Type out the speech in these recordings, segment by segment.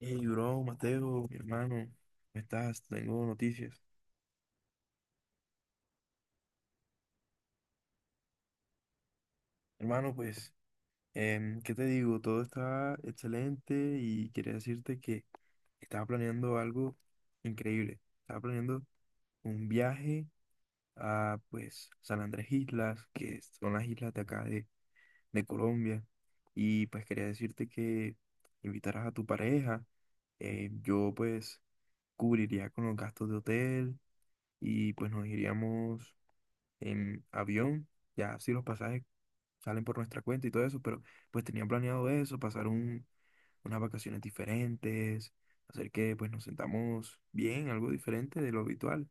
Hey, bro, Mateo, mi hermano, ¿cómo estás? Tengo noticias. Hermano, pues, ¿qué te digo? Todo está excelente y quería decirte que estaba planeando algo increíble. Estaba planeando un viaje a, pues, San Andrés Islas, que son las islas de acá de Colombia. Y pues quería decirte que invitaras a tu pareja. Yo, pues, cubriría con los gastos de hotel y, pues, nos iríamos en avión, ya si los pasajes salen por nuestra cuenta y todo eso, pero pues tenía planeado eso, pasar unas vacaciones diferentes, hacer que pues nos sentamos bien, algo diferente de lo habitual.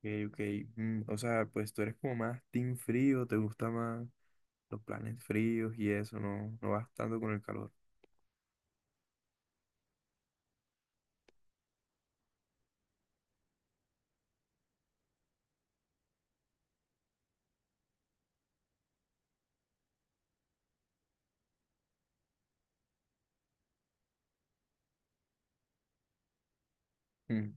Ok, ok, o sea, pues tú eres como más team frío, te gusta más los planes fríos y eso, no, no vas tanto con el calor. Mm.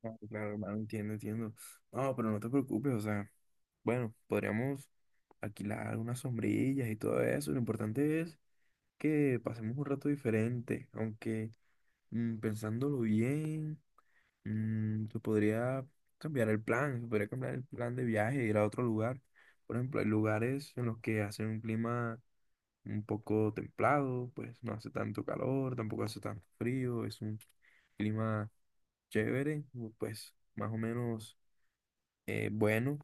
Claro, claro, hermano, entiendo, entiendo. No, pero no te preocupes, o sea, bueno, podríamos alquilar unas sombrillas y todo eso, lo importante es que pasemos un rato diferente, aunque, pensándolo bien, se podría cambiar el plan, se podría cambiar el plan de viaje, ir a otro lugar. Por ejemplo, hay lugares en los que hace un clima un poco templado, pues no hace tanto calor, tampoco hace tanto frío, es un clima chévere, pues más o menos, bueno,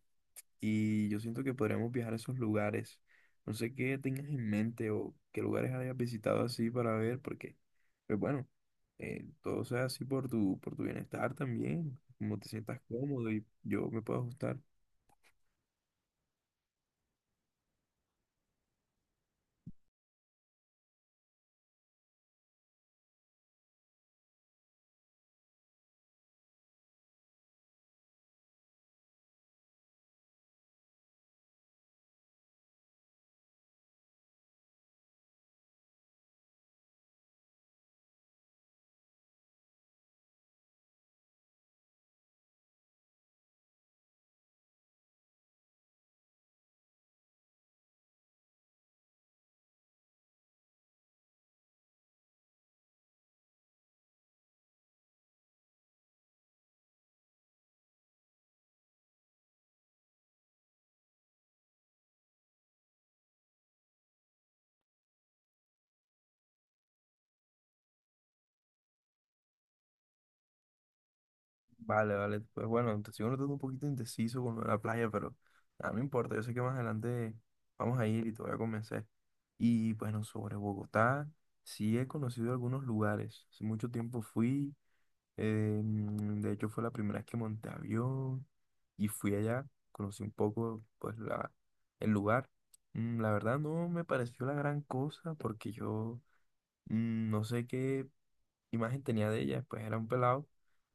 y yo siento que podríamos viajar a esos lugares. No sé qué tengas en mente o qué lugares hayas visitado así para ver, porque, pues bueno, todo sea así por por tu bienestar también, como te sientas cómodo y yo me puedo ajustar. Vale, vale, pues bueno, te sigo notando un poquito indeciso con lo de la playa, pero nada, no importa, yo sé que más adelante vamos a ir y te voy a convencer. Y bueno, sobre Bogotá, sí he conocido algunos lugares, hace mucho tiempo fui. De hecho, fue la primera vez que monté avión y fui allá, conocí un poco pues el lugar. La verdad no me pareció la gran cosa porque yo, no sé qué imagen tenía de ella, pues era un pelado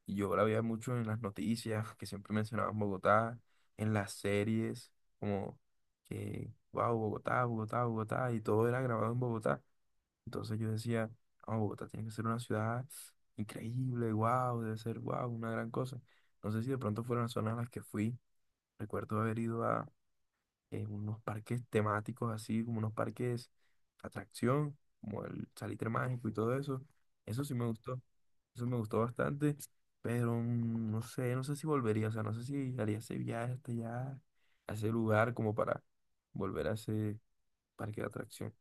y yo la veía mucho en las noticias que siempre mencionaban Bogotá, en las series, como que, wow, Bogotá, Bogotá, Bogotá, y todo era grabado en Bogotá. Entonces yo decía, oh, Bogotá tiene que ser una ciudad increíble, wow, debe ser wow, una gran cosa. No sé si de pronto fueron las zonas a las que fui. Recuerdo haber ido a unos parques temáticos, así como unos parques atracción, como el Salitre Mágico y todo eso. Eso sí me gustó, eso me gustó bastante, pero, no sé, no sé si volvería, o sea, no sé si haría ese viaje hasta allá, a ese lugar como para volver a ese parque de atracción.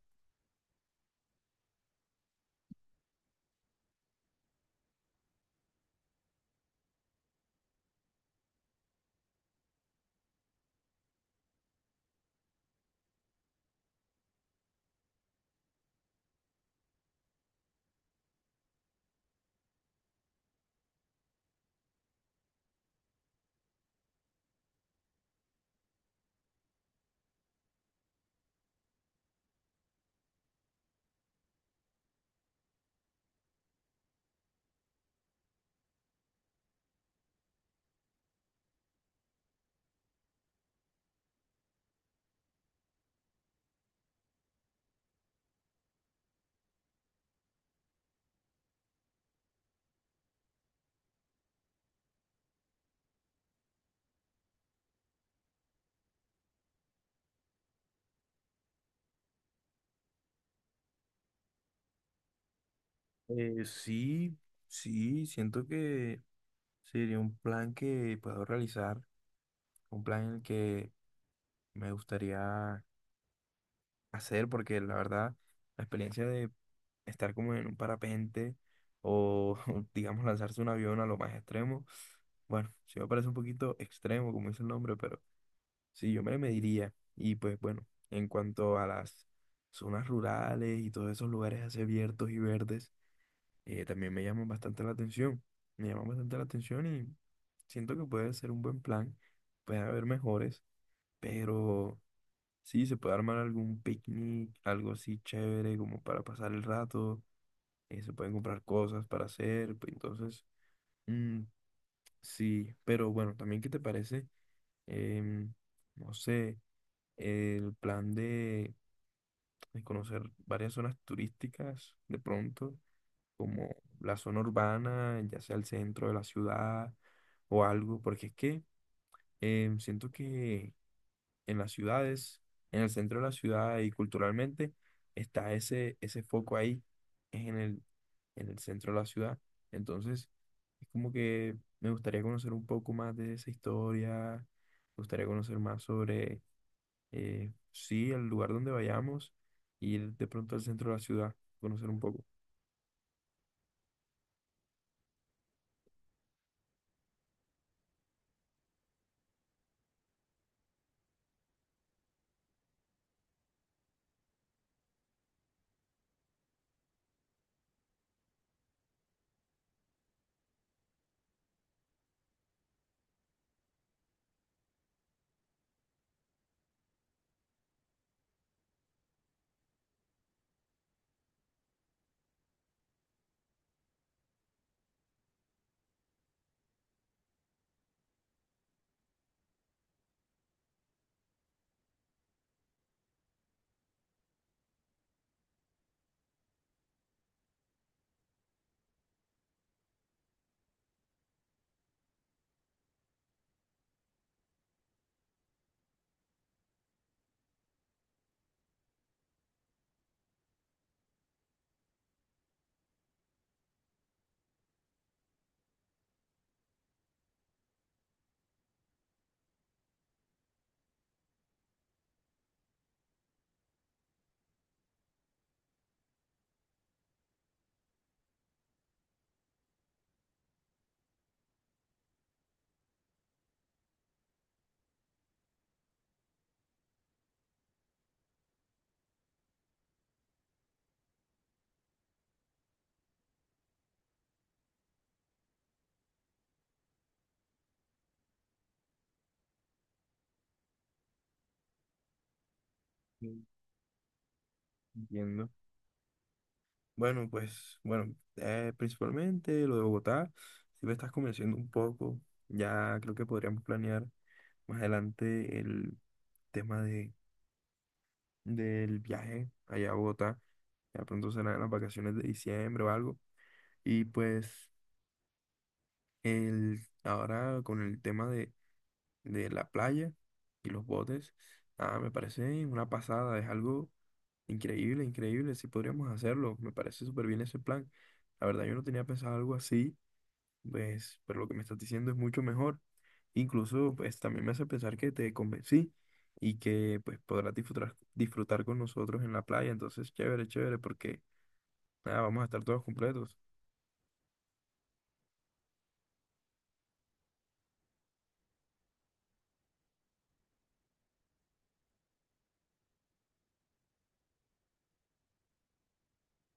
Sí, sí, siento que sería un plan que puedo realizar, un plan en el que me gustaría hacer, porque la verdad, la experiencia de estar como en un parapente o, digamos, lanzarse un avión a lo más extremo, bueno, sí me parece un poquito extremo, como dice el nombre, pero sí, yo me le mediría. Y pues bueno, en cuanto a las zonas rurales y todos esos lugares así abiertos y verdes, también me llama bastante la atención. Me llama bastante la atención y siento que puede ser un buen plan. Puede haber mejores, pero sí, se puede armar algún picnic, algo así chévere como para pasar el rato. Se pueden comprar cosas para hacer. Pues entonces, mm, sí, pero bueno, también qué te parece, em, no sé, el plan de conocer varias zonas turísticas de pronto, como la zona urbana, ya sea el centro de la ciudad o algo, porque es que, siento que en las ciudades, en el centro de la ciudad y culturalmente, está ese, ese foco ahí, es en en el centro de la ciudad. Entonces, es como que me gustaría conocer un poco más de esa historia, me gustaría conocer más sobre, sí, el lugar donde vayamos, ir de pronto al centro de la ciudad, conocer un poco. Mm. Entiendo. Bueno, pues, bueno, principalmente lo de Bogotá, si me estás convenciendo un poco, ya creo que podríamos planear más adelante el tema de, del viaje allá a Bogotá, ya pronto serán las vacaciones de diciembre o algo, y pues ahora con el tema de la playa y los botes, ah, me parece una pasada, es algo increíble, increíble, si podríamos hacerlo, me parece súper bien ese plan, la verdad yo no tenía pensado algo así. Pues, pero lo que me estás diciendo es mucho mejor. Incluso, pues, también me hace pensar que te convencí y que, pues, podrás disfrutar, disfrutar con nosotros en la playa. Entonces, chévere, chévere, porque, nada, vamos a estar todos completos.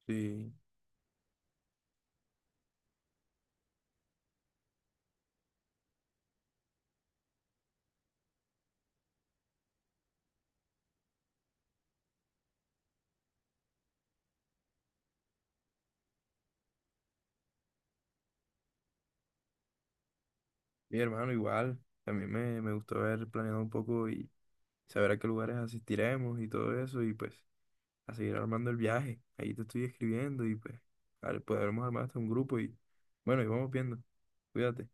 Sí, mi hermano, igual. También me gustó haber planeado un poco y saber a qué lugares asistiremos y todo eso. Y, pues, a seguir armando el viaje. Ahí te estoy escribiendo y, pues, podremos armar hasta un grupo y, bueno, y vamos viendo. Cuídate.